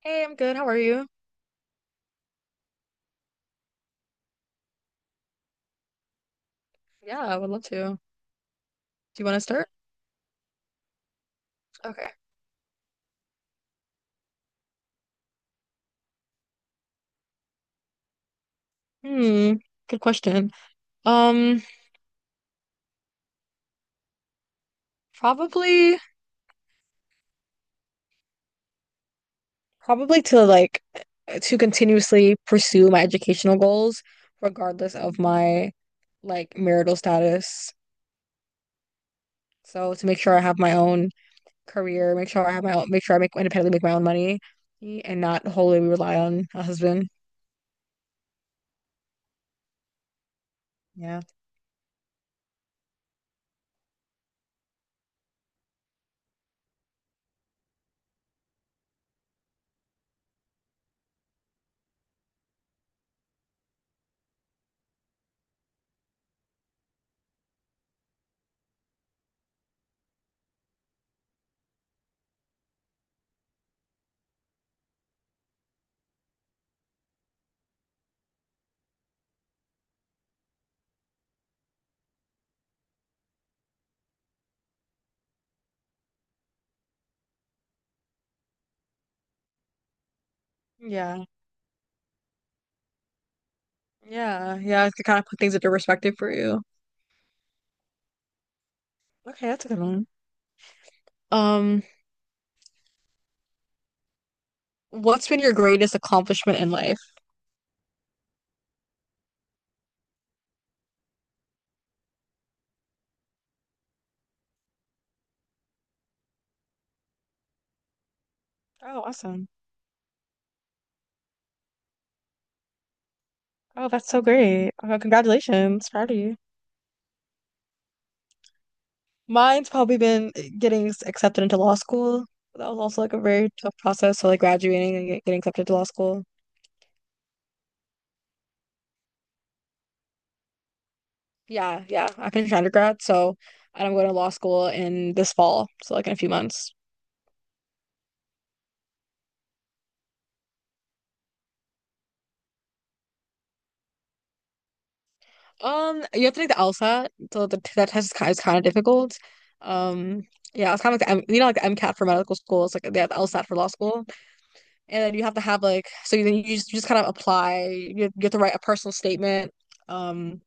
Hey, I'm good. How are you? Yeah, I would love to. Do you want to start? Okay. Hmm. Good question. Um, probably, probably to like to continuously pursue my educational goals, regardless of my like marital status. So to make sure I have my own career, make sure I have my own, make sure I make independently make my own money, and not wholly rely on a husband. Yeah. Yeah. Yeah. Yeah. To kind of put things into perspective for you. Okay, that's a good one. Um. What's been your greatest accomplishment in life? Oh, awesome. Oh, that's so great. Oh, congratulations. Proud of you. Mine's probably been getting accepted into law school. That was also like a very tough process. So, like graduating and getting accepted to law school. Yeah, yeah. I finished undergrad. So, and I'm going to law school in this fall. So, like in a few months. You have to take the LSAT. That test is kind of difficult. Um, yeah, it's kind of like the like the MCAT for medical school. It's like they have the LSAT for law school. And then you have to have like so then you just kind of apply. You have to write a personal statement. Um,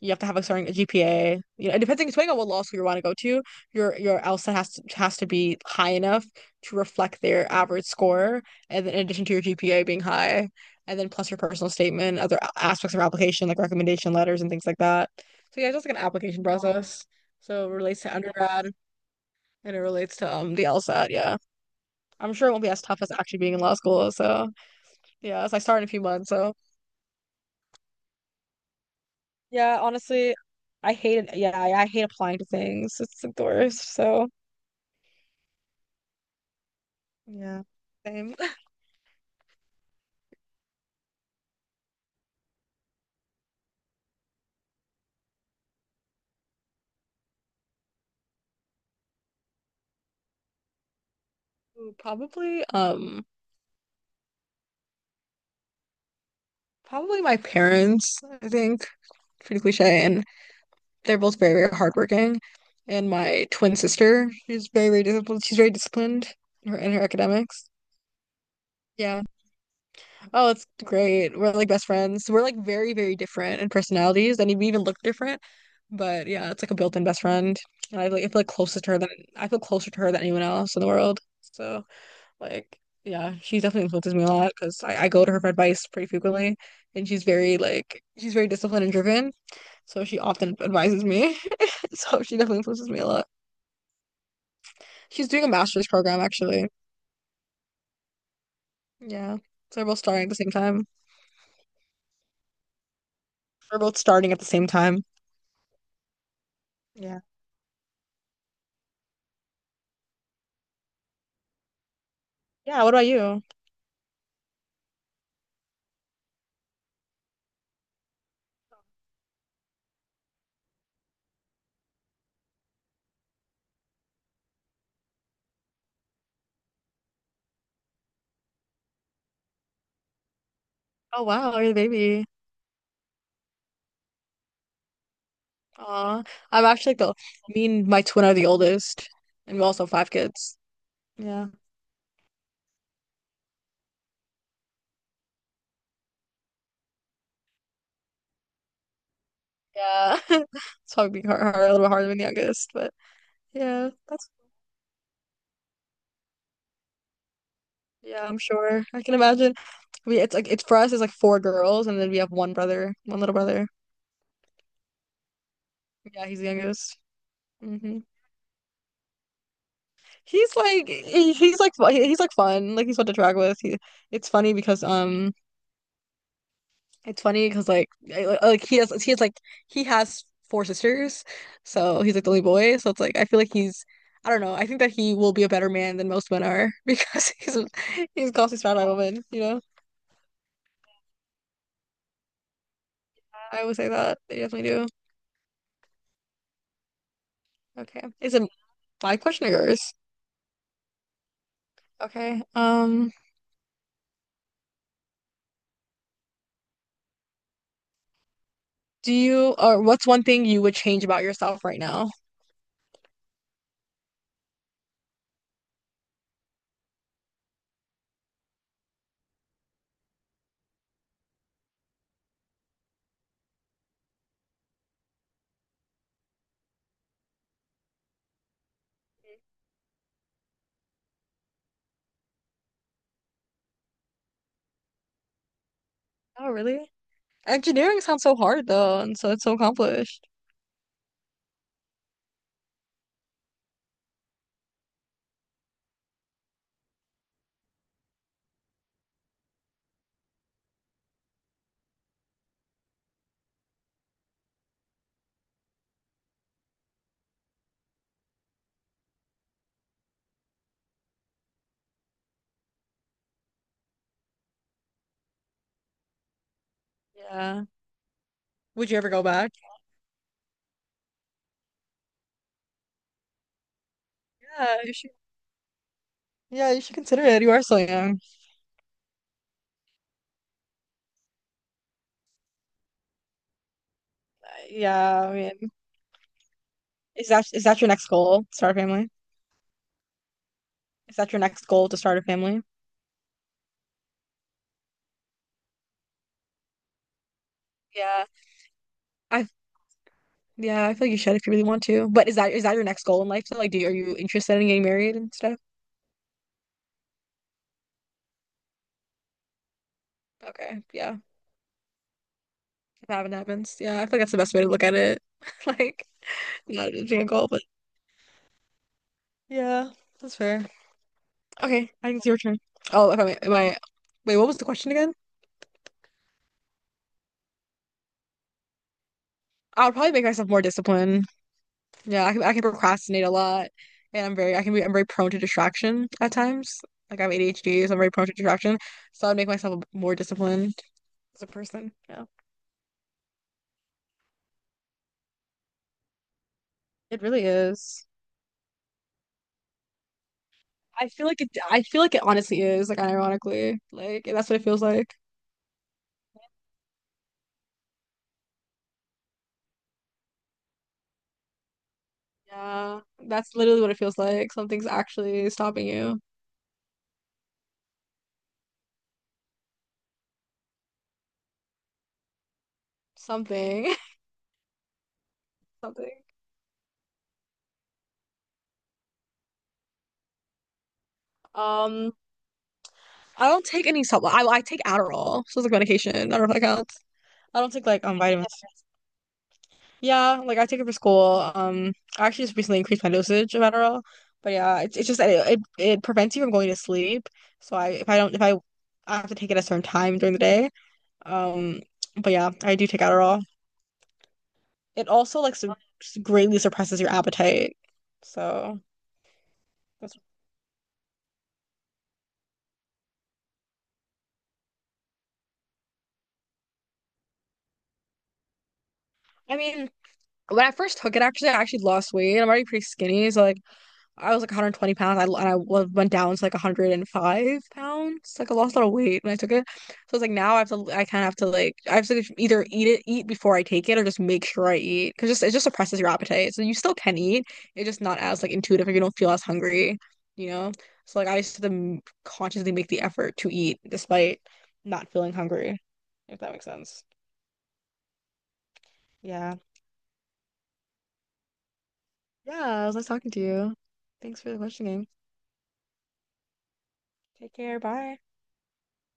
you have to have a certain GPA. You know, and depending on what law school you want to go to, your LSAT has to be high enough to reflect their average score, and then in addition to your GPA being high, and then plus your personal statement, other aspects of application like recommendation letters and things like that. So yeah, it's just like an application process. So it relates to undergrad and it relates to the LSAT. Yeah, I'm sure it won't be as tough as actually being in law school. So. Yeah, so I start in a few months, so yeah, honestly, I hate it. Yeah, I hate applying to things. It's like the worst. So yeah, same. Ooh, probably, probably my parents, I think. Pretty cliche, and they're both very, very hardworking. And my twin sister, she's very, very disciplined. She's very disciplined in her academics. Yeah. Oh, it's great. We're like best friends. We're like very, very different in personalities, and we even look different. But yeah, it's like a built-in best friend. And I like I feel like closer to her than I feel closer to her than anyone else in the world. So like yeah, she definitely influences me a lot because I go to her for advice pretty frequently, and she's very disciplined and driven. So she often advises me. So she definitely influences me a lot. She's doing a master's program actually. Yeah, so we're both starting at the same time. We're both starting at the same time. Yeah. Yeah. What about you? Oh wow, you're the baby. Aw. I'm actually like the Me and my twin are the oldest. And we also have five kids. Yeah. Yeah. It's probably being hard, a little bit harder than the youngest, but yeah, that's yeah, I'm sure. I can imagine. We it's like it's for us it's like four girls and then we have one brother, one little brother. Yeah, he's the youngest. Hmm. He's like fun. Like he's fun to drag with. It's funny because it's funny because like like he has like he has four sisters, so he's like the only boy. So it's like I feel like he's I don't know. I think that he will be a better man than most men are because he's constantly surrounded by women. You know, I would say that they definitely do. Okay, is it my question or yours? Okay. Do you or what's one thing you would change about yourself right now? Oh, really? Engineering sounds so hard though, and so it's so accomplished. Yeah. Would you ever go back? Yeah, you should. Yeah, you should consider it. You are so young. Yeah, I mean, is that your next goal? Start a family? Is that your next goal to start a family? Yeah. I yeah, I feel like you should if you really want to. But is that your next goal in life? So, like, are you interested in getting married and stuff? Okay, yeah. If that happens, yeah, I feel like that's the best way to look at it. Like, not a being a goal, but yeah, that's fair. Okay, I think it's your turn. Oh, if I am I wait, what was the question again? I would probably make myself more disciplined. Yeah, I can procrastinate a lot, and I can be I'm very prone to distraction at times. Like I have ADHD, so I'm very prone to distraction. So I'd make myself a bit more disciplined as a person. Yeah, it really is. I feel like it honestly is. Like ironically, like that's what it feels like. Yeah, that's literally what it feels like. Something's actually stopping you. Something, something. Um, I don't take any supplement. I take Adderall, so it's like medication. I don't know if that counts. I don't take like vitamins. Yeah, like I take it for school. I actually just recently increased my dosage of Adderall, but yeah, it's just that it prevents you from going to sleep. So I if I don't if I I have to take it at a certain time during the day. Um, but yeah, I do take Adderall. It also like su Greatly suppresses your appetite. So that's I mean, when I first took it, actually, I actually lost weight. I'm already pretty skinny, so like I was like 120 pounds. I went down to like 105 pounds. Like I lost a lot of weight when I took it. So it's like now I have to. I kind of have to like, either eat eat before I take it, or just make sure I eat because just it just suppresses your appetite. So you still can eat. It's just not as like intuitive. If you don't feel as hungry, you know. So like I used to consciously make the effort to eat despite not feeling hungry. If that makes sense. Yeah. Yeah. It was nice talking to you. Thanks for the question game. Take care. Bye.